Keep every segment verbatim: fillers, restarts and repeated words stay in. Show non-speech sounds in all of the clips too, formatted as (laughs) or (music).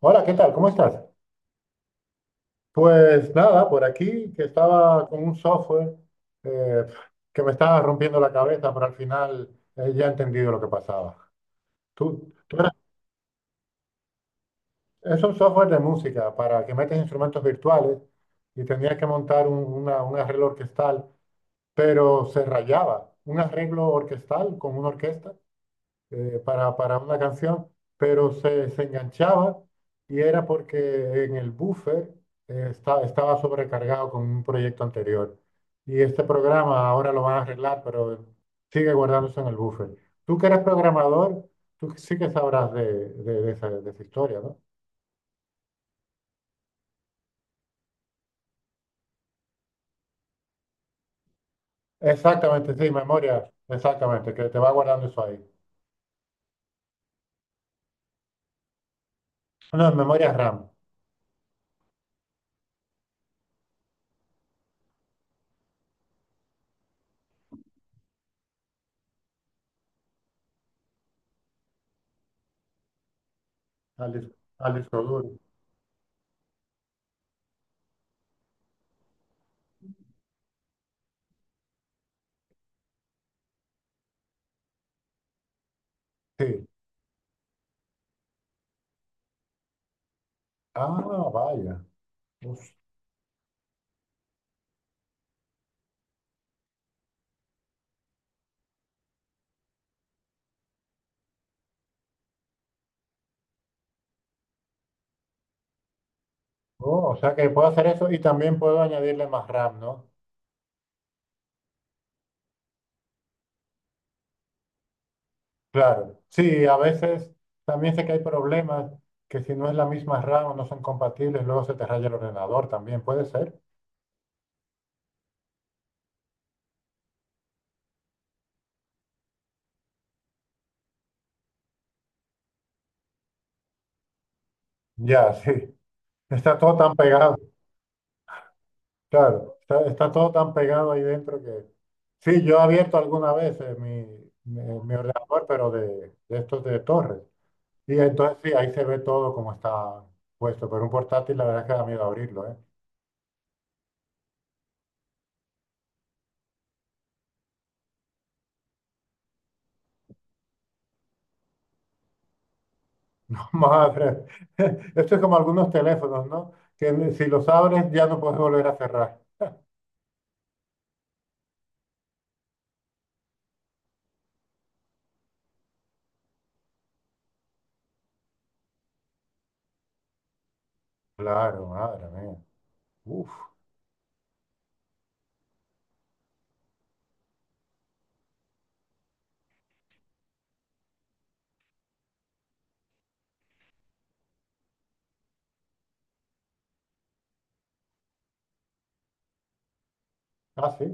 Hola, ¿qué tal? ¿Cómo estás? Pues nada, por aquí que estaba con un software eh, que me estaba rompiendo la cabeza, pero al final eh, ya he entendido lo que pasaba. Tú, tú eras- es un software de música para que metes instrumentos virtuales y tenías que montar un, una- un arreglo orquestal, pero se rayaba un arreglo orquestal con una orquesta eh, para, para una canción, pero se, se enganchaba y era porque en el buffer eh, esta- estaba sobrecargado con un proyecto anterior. Y este programa ahora lo van a arreglar, pero sigue guardándose en el buffer. Tú que eres programador, tú sí que sabrás de, de, de esa, de esa historia, ¿no? Exactamente, sí, memoria, exactamente, que te va guardando eso ahí. No, en memoria RAM, al, dis- al disco duro. Sí. Ah, vaya. Oh, o sea que puedo hacer eso y también puedo añadirle más RAM, ¿no? Claro. Sí, a veces también sé que hay problemas que si no es la misma RAM o no son compatibles, luego se te raya el ordenador también, ¿puede ser? Ya, (laughs) sí. Está todo tan pegado, claro. Está, está todo tan pegado ahí dentro que... Sí, yo he abierto alguna vez eh, mi, mi, mi ordenador, pero de, de estos de torres. Y entonces sí, ahí se ve todo como está puesto, pero un portátil la verdad es que da miedo abrirlo, ¿eh? Madre, (laughs) esto es como algunos teléfonos, ¿no? Que ni- si los abres ya no puedes volver a cerrar. Claro, madre mía. Uf, ah, sí,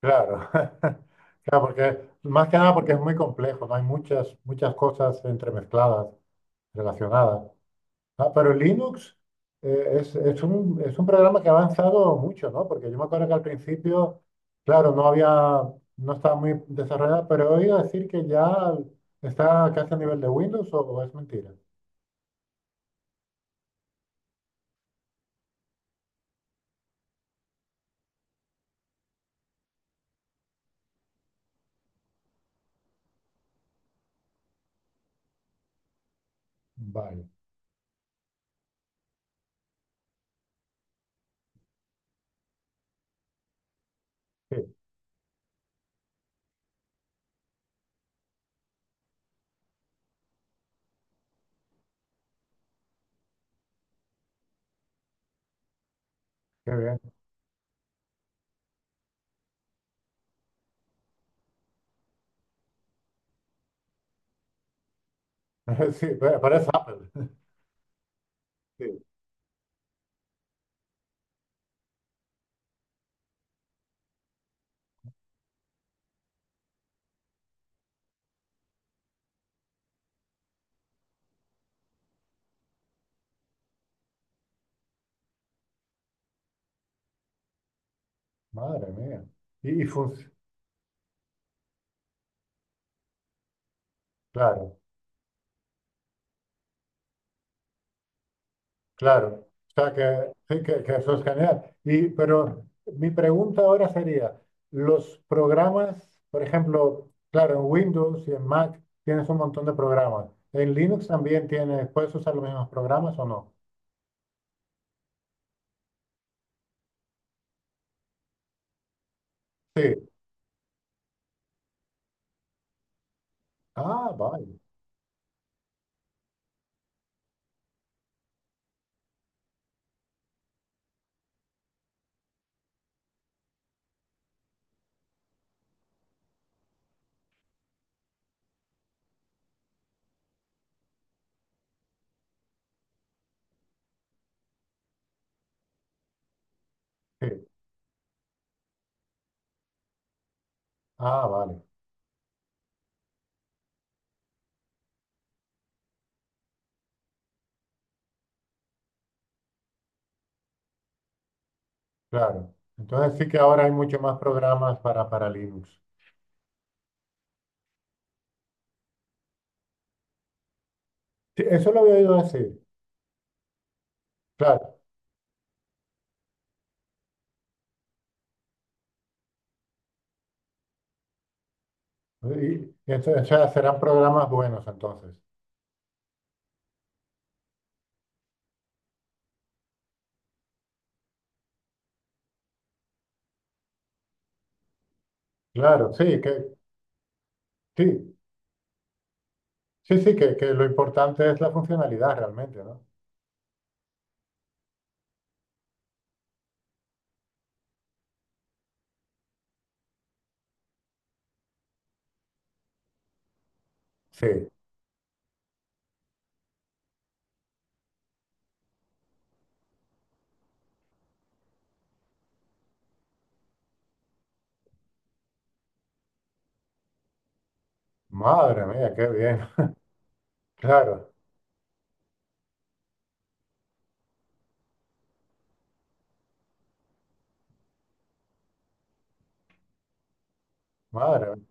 claro. (laughs) Claro, porque más que nada porque es muy complejo, ¿no? Hay muchas, muchas cosas entremezcladas, relacionadas. Ah, pero Linux eh, es, es un, es un programa que ha avanzado mucho, ¿no? Porque yo me acuerdo que al principio, claro, no había, no estaba muy desarrollada, pero he oído decir que ya está casi a nivel de Windows, ¿o o es mentira? Vale, sí, qué bien. (laughs) Sí, pa- parece Apple. Sí, madre mía. Y, y func- claro, claro. O sea que sí, que, que eso es genial. Y, pero mi pregunta ahora sería, los programas, por ejemplo, claro, en Windows y en Mac tienes un montón de programas. En Linux también tienes, ¿puedes usar los mismos programas o no? Sí. Ah, vale. Sí. Ah, vale. Claro. Entonces sí que ahora hay muchos más programas para, para Linux. Sí, eso lo había oído decir. Claro, y, y ento- o sea, serán programas buenos entonces. Claro, sí, que sí, sí, sí, que, que lo importante es la funcionalidad realmente, ¿no? Sí, madre mía, qué bien, (laughs) claro, madre mía.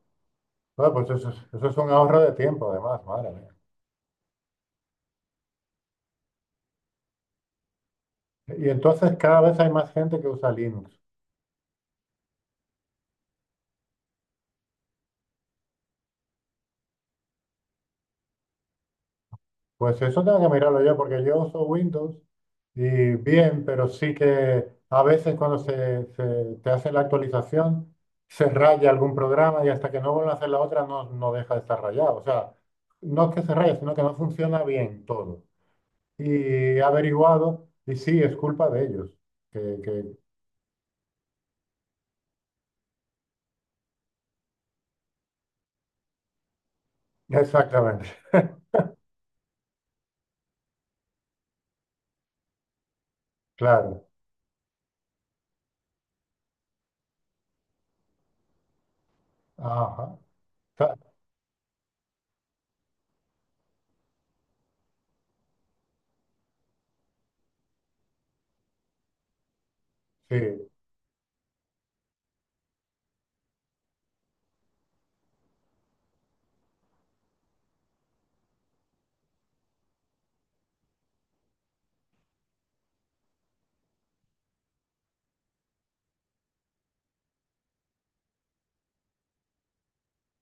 Bueno, pues eso es, eso es un ahorro de tiempo además, madre mía. Y entonces cada vez hay más gente que usa Linux. Pues eso tengo que mirarlo yo, porque yo uso Windows y bien, pero sí que a veces cuando se, se- te hace la actualización, se raya algún programa y hasta que no vuelvan a hacer la otra no, no deja de estar rayado. O sea, no es que se raye, sino que no funciona bien todo. Y he averiguado, y sí, es culpa de ellos. Que, que- exactamente, (laughs) claro. Ajá. Ta- Sí,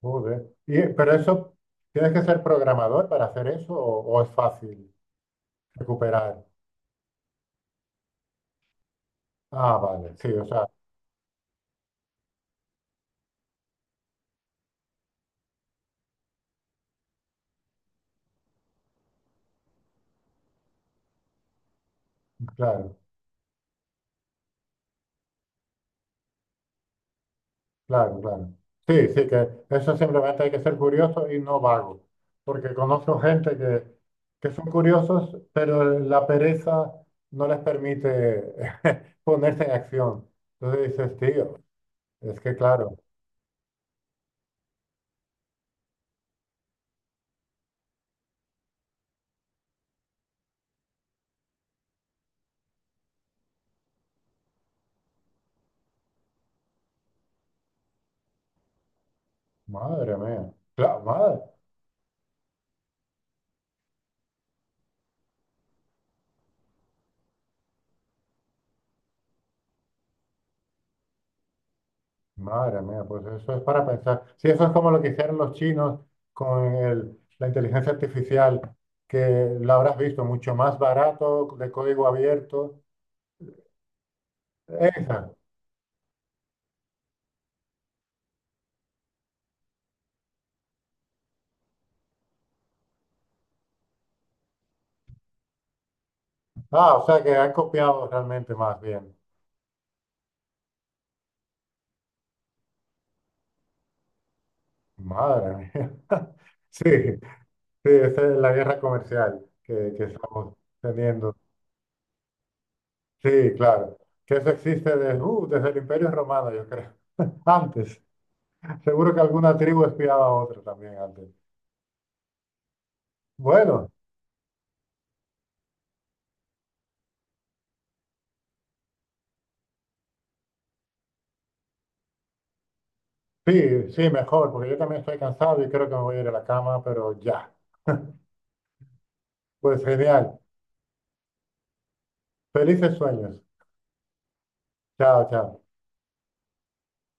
joder. Y- pero eso, ¿tienes que ser programador para hacer eso o o es fácil recuperar? Ah, vale, sí, o sea, claro, claro, claro. Sí, sí, que eso simplemente hay que ser curioso y no vago, porque conozco gente que, que son curiosos, pero la pereza no les permite (laughs) ponerse en acción. Entonces dices, tío, es que claro, madre mía, claro, madre, madre mía, pues eso es para pensar. Sí, eso es como lo que hicieron los chinos con el- la inteligencia artificial, que la habrás visto, mucho más barato, de código abierto. Esa. Ah, o sea que han copiado realmente más bien. Madre mía. (laughs) Sí, sí, esa es la guerra comercial que, que estamos teniendo. Sí, claro. Que eso existe desde, uh, desde el Imperio Romano, yo creo. (laughs) Antes. Seguro que alguna tribu espiaba a otra también antes. Bueno, sí, sí, mejor, porque yo también estoy cansado y creo que me voy a ir a la cama, pero ya. Pues genial. Felices sueños. Chao, chao.